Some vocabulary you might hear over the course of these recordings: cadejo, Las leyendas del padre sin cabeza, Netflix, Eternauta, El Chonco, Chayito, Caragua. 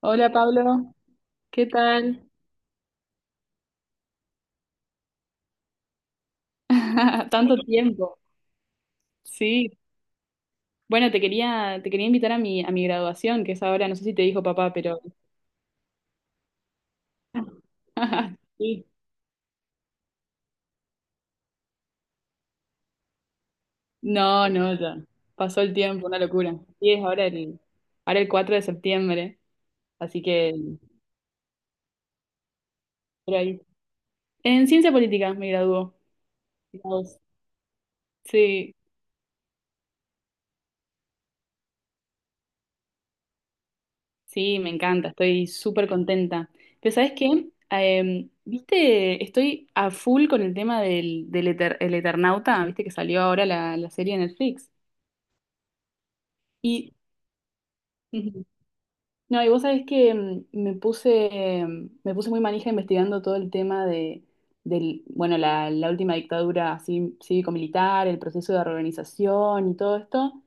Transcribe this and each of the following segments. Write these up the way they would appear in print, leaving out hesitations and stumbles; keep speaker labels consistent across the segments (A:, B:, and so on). A: Hola Pablo, ¿qué tal? Tanto tiempo. Sí. Bueno, te quería invitar a a mi graduación, que es ahora, no sé si te dijo papá, pero sí. No, no, ya. Pasó el tiempo, una locura. Sí, es ahora el 4 de septiembre, así que por ahí. En ciencia política me graduó. Sí, sí, me encanta, estoy súper contenta. Pero ¿sabes qué? Viste, estoy a full con el tema del, del Eter- el Eternauta, viste que salió ahora la serie de Netflix. Y, Ujú. No, y vos sabés que me puse muy manija investigando todo el tema del bueno, la última dictadura así cívico-militar, el proceso de reorganización y todo esto.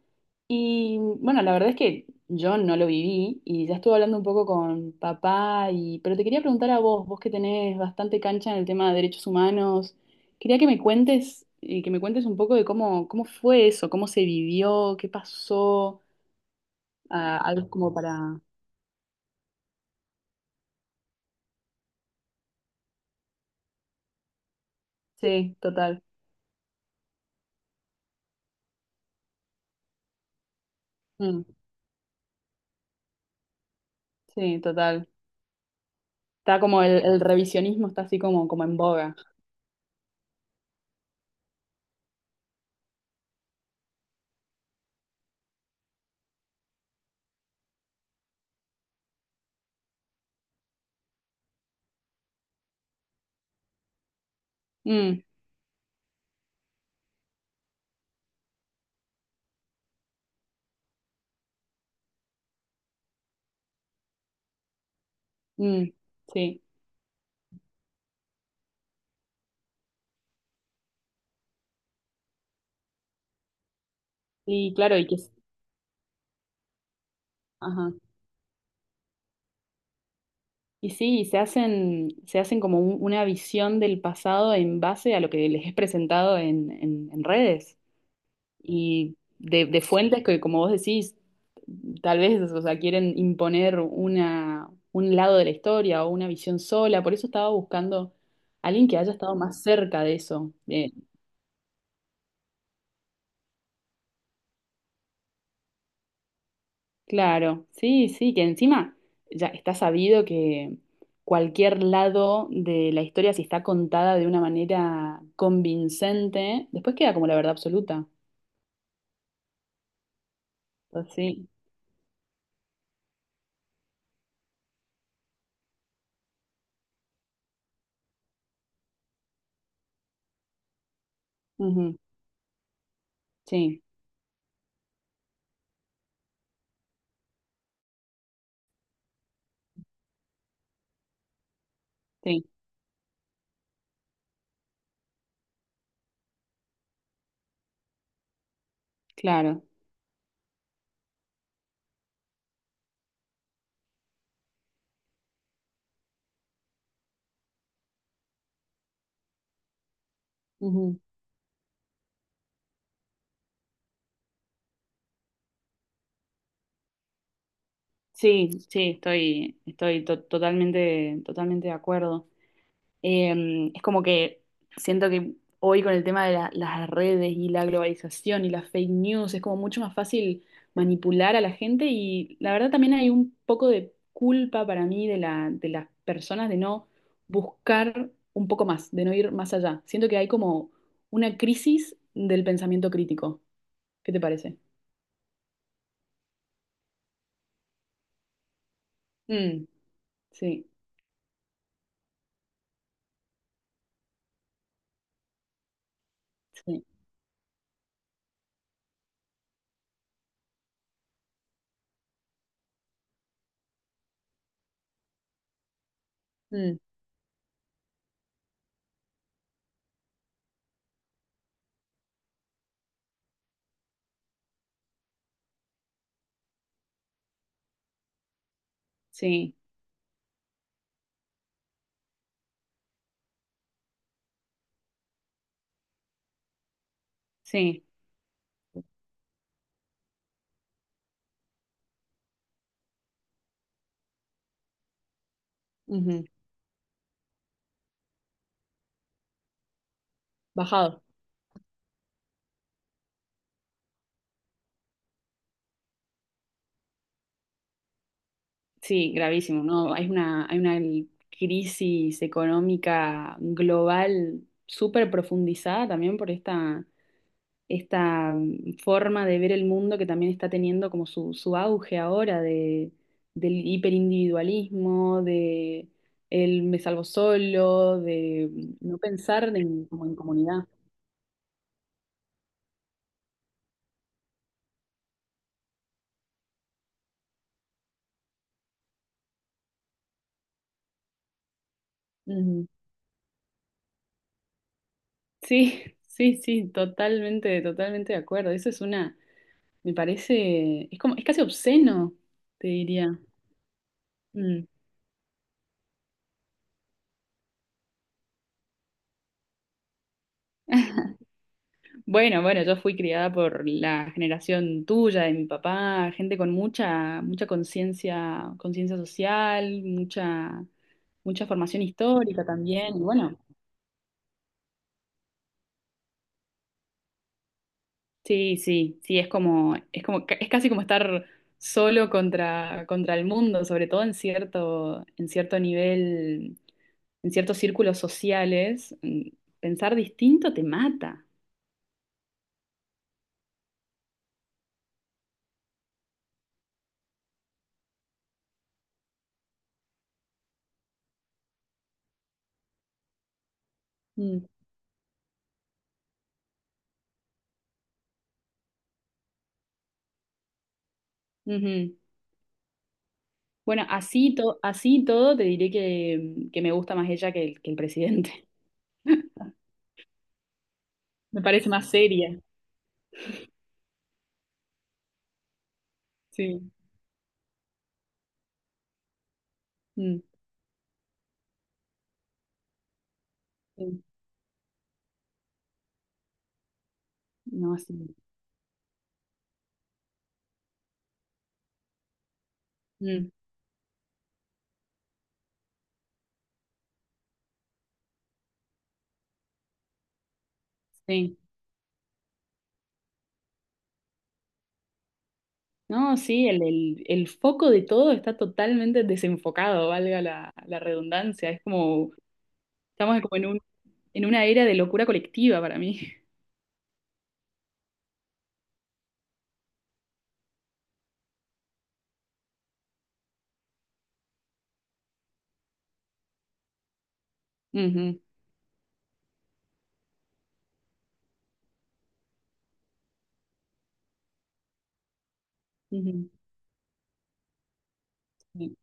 A: Y bueno, la verdad es que yo no lo viví y ya estuve hablando un poco con papá y pero te quería preguntar a vos, vos que tenés bastante cancha en el tema de derechos humanos, quería que me cuentes y que me cuentes un poco de cómo fue eso, cómo se vivió, qué pasó, ah, algo como para... Sí, total. Mm, sí, total. Está como el revisionismo está así como en boga. Mm, mm, sí. Y claro, y que ajá. Y sí, y se hacen como una visión del pasado en base a lo que les es presentado en redes y de fuentes que, como vos decís, tal vez, o sea, quieren imponer un lado de la historia o una visión sola. Por eso estaba buscando a alguien que haya estado más cerca de eso. Claro, sí, sí, que encima ya está sabido que cualquier lado de la historia, si está contada de una manera convincente, después queda como la verdad absoluta. Pues sí, ujú, sí, sí, claro. Ujú. Sí, sí, estoy, totalmente de acuerdo. Es como que siento que hoy con el tema de las redes y la globalización y las fake news es como mucho más fácil manipular a la gente y la verdad también hay un poco de culpa para mí de las personas de no buscar un poco más, de no ir más allá. Siento que hay como una crisis del pensamiento crítico. ¿Qué te parece? Mm, sí, sí, mm, sí, sí, ujú, bajado. Sí, gravísimo, ¿no? Hay una crisis económica global súper profundizada también por esta mm, forma de ver el mundo que también está teniendo como su auge ahora de, del hiperindividualismo, de el me salvo solo, de mm, no pensar en, como en comunidad. Ujú. Sí, sí, sí, totalmente de acuerdo. Eso es una, me parece, es como, es casi obsceno, te diría. Mm. Bueno, bueno, yo fui criada por la generación tuya, de mi papá, gente con mucha conciencia, conciencia social, mucha formación histórica también. Y bueno, sí, sí, sí, es como, es casi como estar contra el mundo, sobre todo en cierto nivel, en ciertos círculos sociales. Mm, pensar distinto te mata. Mm, ujú. Bueno, así, así y todo te diré que me gusta más ella que que el presidente. Me parece más seria. Sí. Mm, sí. No, sí. Mm, sí. No, sí, el foco de todo está totalmente desenfocado, valga la redundancia. Es como, estamos como en un, en una era de locura colectiva para mí. Ujú, ujú, sí,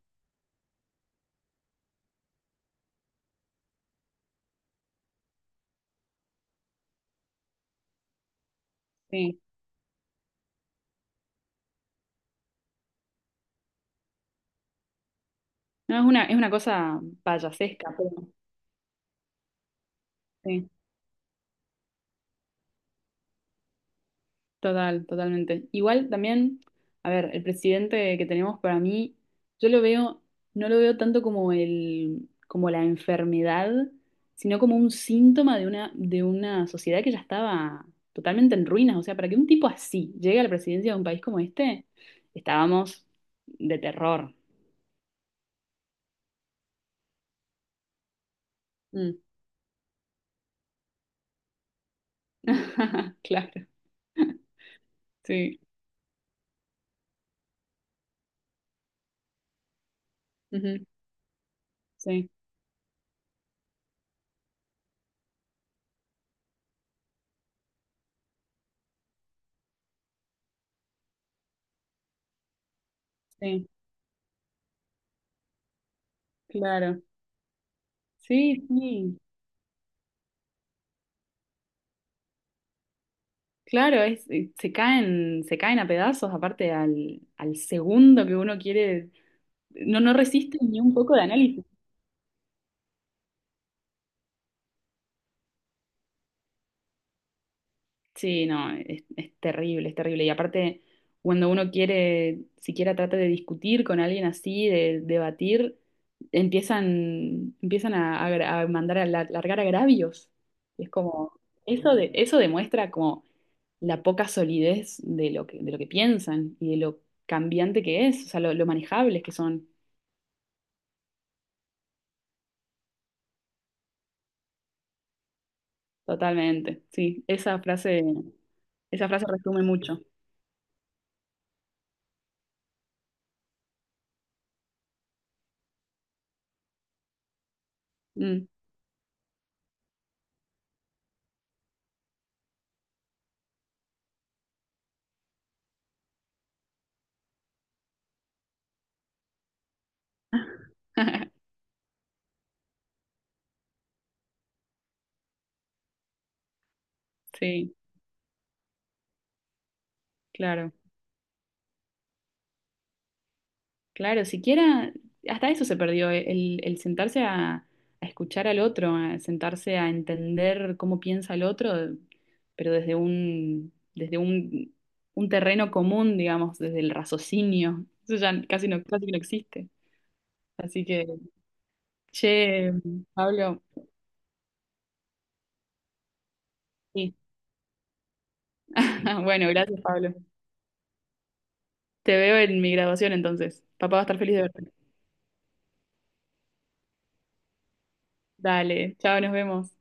A: sí. No, es una cosa payasesca, pero sí. Total, totalmente. Igual también, a ver, el presidente que tenemos para mí, yo lo veo, no lo veo tanto como como la enfermedad, sino como un síntoma de una sociedad que ya estaba totalmente en ruinas. O sea, para que un tipo así llegue a la presidencia de un país como este, estábamos de terror. Mm. Claro, sí. Ujú. Sí, sí, claro. Sí, sí. Claro, es, se caen a pedazos, aparte al segundo que uno quiere, no, no resiste ni un poco de análisis. Sí, no, es terrible, es terrible. Y aparte, cuando uno quiere, siquiera trata de discutir con alguien así, de debatir, empiezan a, largar agravios. Es como, eso de, eso demuestra como la poca solidez de lo que piensan y de lo cambiante que es, o sea, lo manejables que son. Totalmente, sí, esa frase resume mucho. Mm. Sí, claro, claro, siquiera, hasta eso se perdió, el sentarse a escuchar al otro, a sentarse a entender cómo piensa el otro, pero desde un terreno común, digamos, desde el raciocinio. Eso ya casi no existe. Así que, che, Pablo, sí. Bueno, gracias, Pablo. Te veo en mi graduación entonces. Papá va a estar feliz de verte. Dale, chao, nos vemos.